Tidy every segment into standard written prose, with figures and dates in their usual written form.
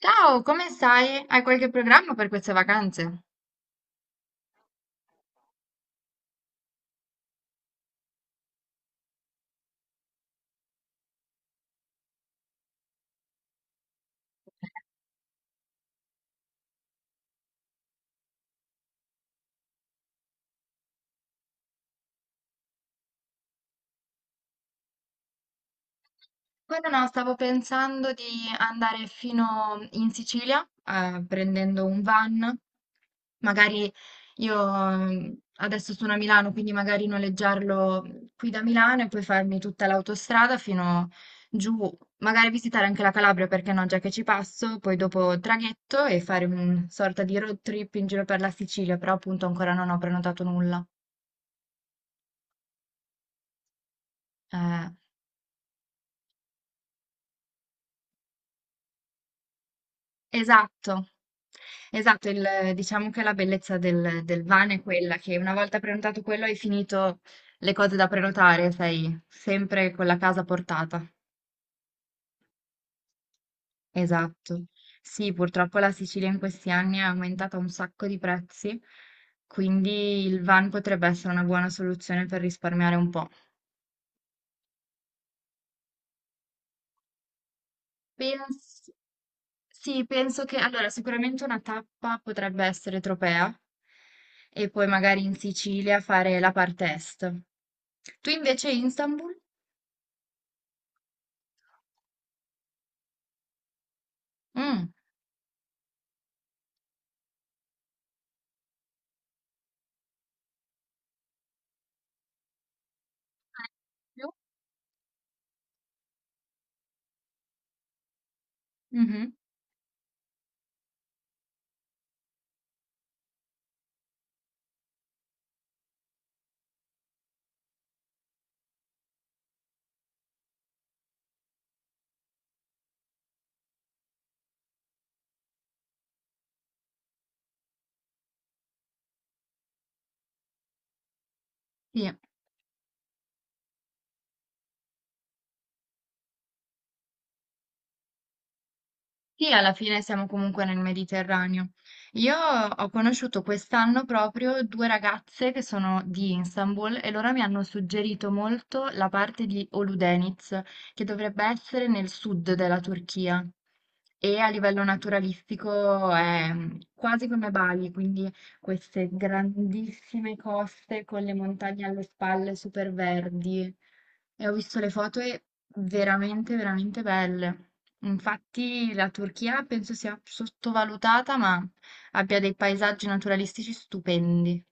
Ciao, come stai? Hai qualche programma per queste vacanze? Guarda, no, stavo pensando di andare fino in Sicilia, prendendo un van. Magari io adesso sono a Milano, quindi magari noleggiarlo qui da Milano e poi farmi tutta l'autostrada fino giù, magari visitare anche la Calabria, perché no, già che ci passo, poi dopo traghetto e fare una sorta di road trip in giro per la Sicilia, però appunto ancora non ho prenotato nulla. Eh, Esatto, esatto. Il diciamo che la bellezza del van è quella che una volta prenotato quello hai finito le cose da prenotare, sei sempre con la casa a portata. Esatto. Sì, purtroppo la Sicilia in questi anni ha aumentato un sacco di prezzi, quindi il van potrebbe essere una buona soluzione per risparmiare un po'. Pens- sì, penso che allora sicuramente una tappa potrebbe essere Tropea e poi magari in Sicilia fare la parte est. Tu invece Istanbul? Mm. Più? Mhm. Sì. Sì, alla fine siamo comunque nel Mediterraneo. Io ho conosciuto quest'anno proprio due ragazze che sono di Istanbul e loro mi hanno suggerito molto la parte di Oludeniz, che dovrebbe essere nel sud della Turchia e a livello naturalistico è quasi come Bali, quindi queste grandissime coste con le montagne alle spalle super verdi e ho visto le foto e veramente, veramente belle. Infatti la Turchia penso sia sottovalutata, ma abbia dei paesaggi naturalistici stupendi.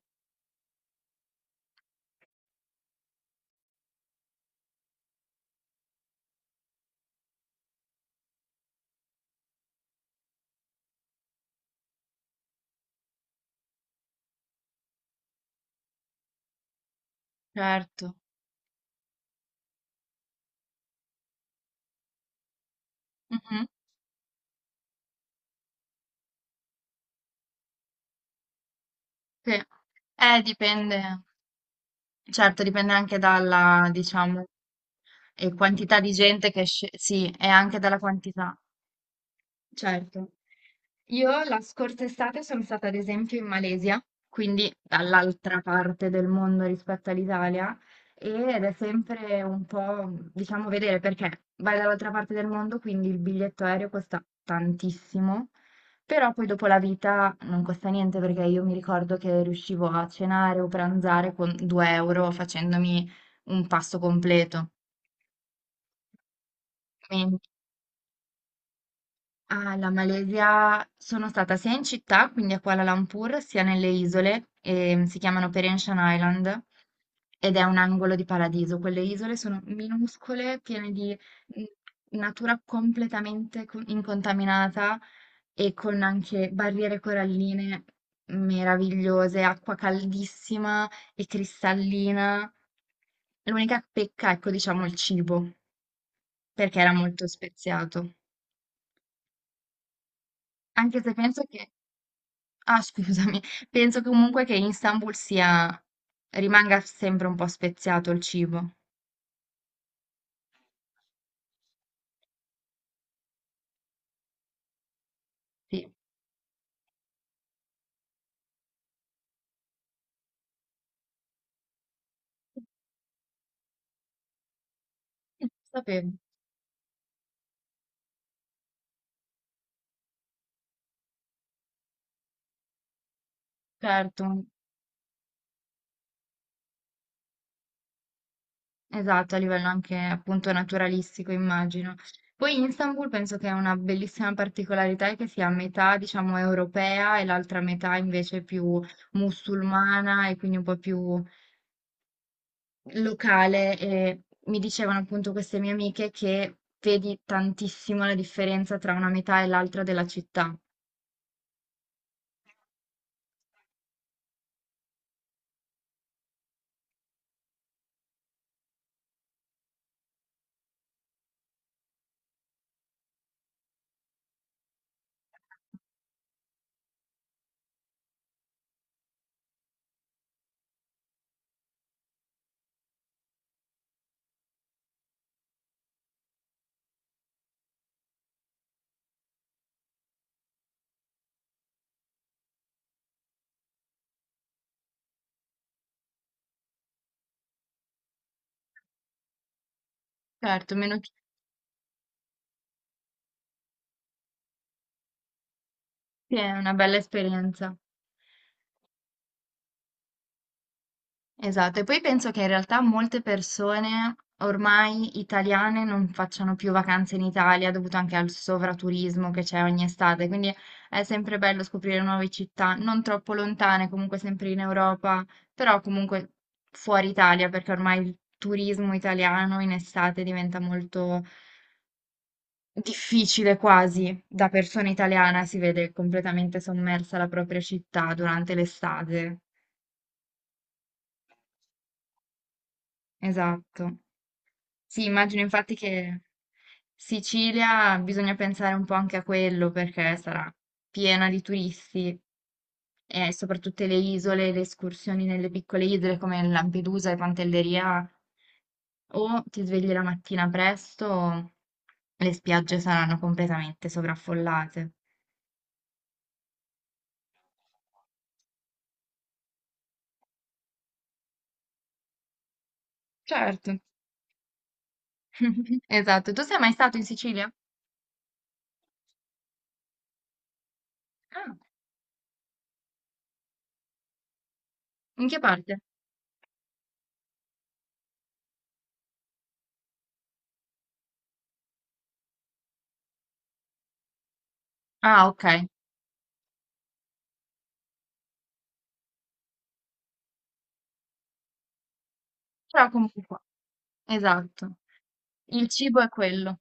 Certo. Mhm. Sì. Dipende, certo, dipende anche dalla, diciamo, e quantità di gente che esce, sì, e anche dalla quantità. Certo. Io la scorsa estate sono stata ad esempio in Malesia, quindi dall'altra parte del mondo rispetto all'Italia, ed è sempre un po', diciamo, vedere perché vai dall'altra parte del mondo, quindi il biglietto aereo costa tantissimo, però poi dopo la vita non costa niente perché io mi ricordo che riuscivo a cenare o pranzare con 2 euro facendomi un pasto completo. Alla Malesia sono stata sia in città, quindi a Kuala Lumpur, sia nelle isole, si chiamano Perhentian Island, ed è un angolo di paradiso. Quelle isole sono minuscole, piene di mm, natura completamente incontaminata e con anche barriere coralline meravigliose, acqua caldissima e cristallina. L'unica pecca, ecco, diciamo il cibo, perché era molto speziato. Anche se penso che Ah, scusami, penso comunque che in Istanbul sia rimanga sempre un po' speziato il cibo. Sì. Lo sapevo, certo. Esatto, a livello anche appunto naturalistico, immagino. Poi Istanbul penso che è una bellissima particolarità è che sia metà, diciamo, europea e l'altra metà invece più musulmana e quindi un po' più locale e mi dicevano appunto queste mie amiche che vedi tantissimo la differenza tra una metà e l'altra della città. Certo, meno che è una bella esperienza. Esatto, e poi penso che in realtà molte persone ormai italiane non facciano più vacanze in Italia dovuto anche al sovraturismo che c'è ogni estate, quindi è sempre bello scoprire nuove città, non troppo lontane, comunque sempre in Europa, però comunque fuori Italia, perché ormai il turismo italiano in estate diventa molto difficile quasi da persona italiana, si vede completamente sommersa la propria città durante l'estate. Esatto. Sì, immagino infatti che Sicilia bisogna pensare un po' anche a quello perché sarà piena di turisti e soprattutto le isole, le escursioni nelle piccole isole come Lampedusa e Pantelleria, o ti svegli la mattina presto, o le spiagge saranno completamente sovraffollate. Certo. Esatto. Tu sei mai stato in Sicilia? Ah, in che parte? Ah, ok. Però comunque, esatto. Il cibo è quello.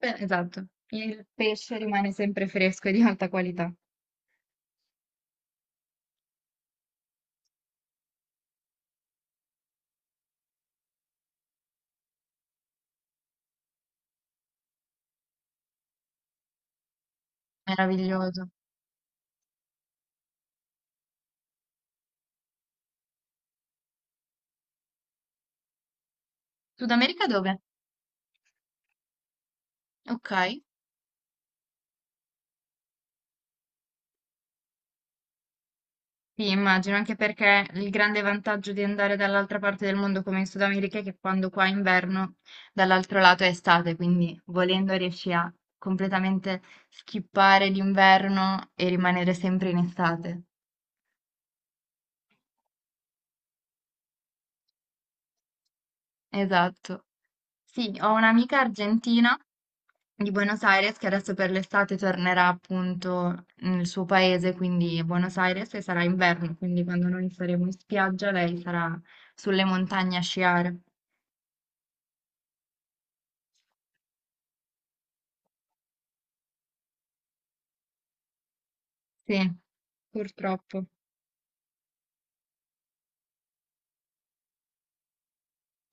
Beh, esatto, il pesce rimane sempre fresco e di alta qualità. Meraviglioso. Sud America dove? Ok. Sì, immagino, anche perché il grande vantaggio di andare dall'altra parte del mondo come in Sud America è che quando qua è inverno, dall'altro lato è estate, quindi volendo riesci a completamente skippare l'inverno e rimanere sempre in estate. Esatto. Sì, ho un'amica argentina di Buenos Aires che adesso per l'estate tornerà appunto nel suo paese, quindi a Buenos Aires, e sarà inverno, quindi quando noi saremo in spiaggia lei sarà sulle montagne a sciare. Sì, purtroppo.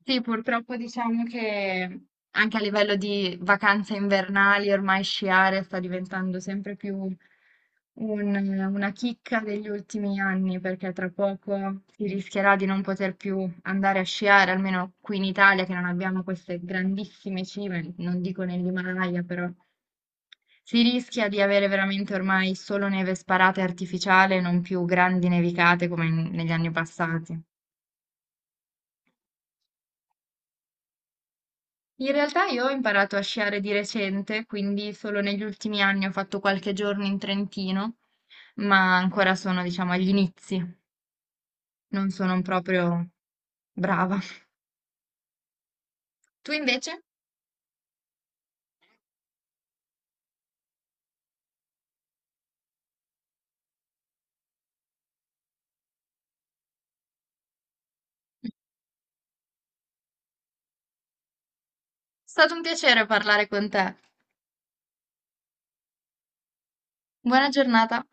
Sì, purtroppo diciamo che anche a livello di vacanze invernali ormai sciare sta diventando sempre più un una chicca degli ultimi anni, perché tra poco si rischierà di non poter più andare a sciare, almeno qui in Italia che non abbiamo queste grandissime cime, non dico nell'Himalaya, però si rischia di avere veramente ormai solo neve sparata e artificiale, non più grandi nevicate come negli anni passati. In realtà io ho imparato a sciare di recente, quindi solo negli ultimi anni ho fatto qualche giorno in Trentino, ma ancora sono, diciamo, agli inizi, non sono proprio brava. Tu invece? È stato un piacere parlare con te. Buona giornata.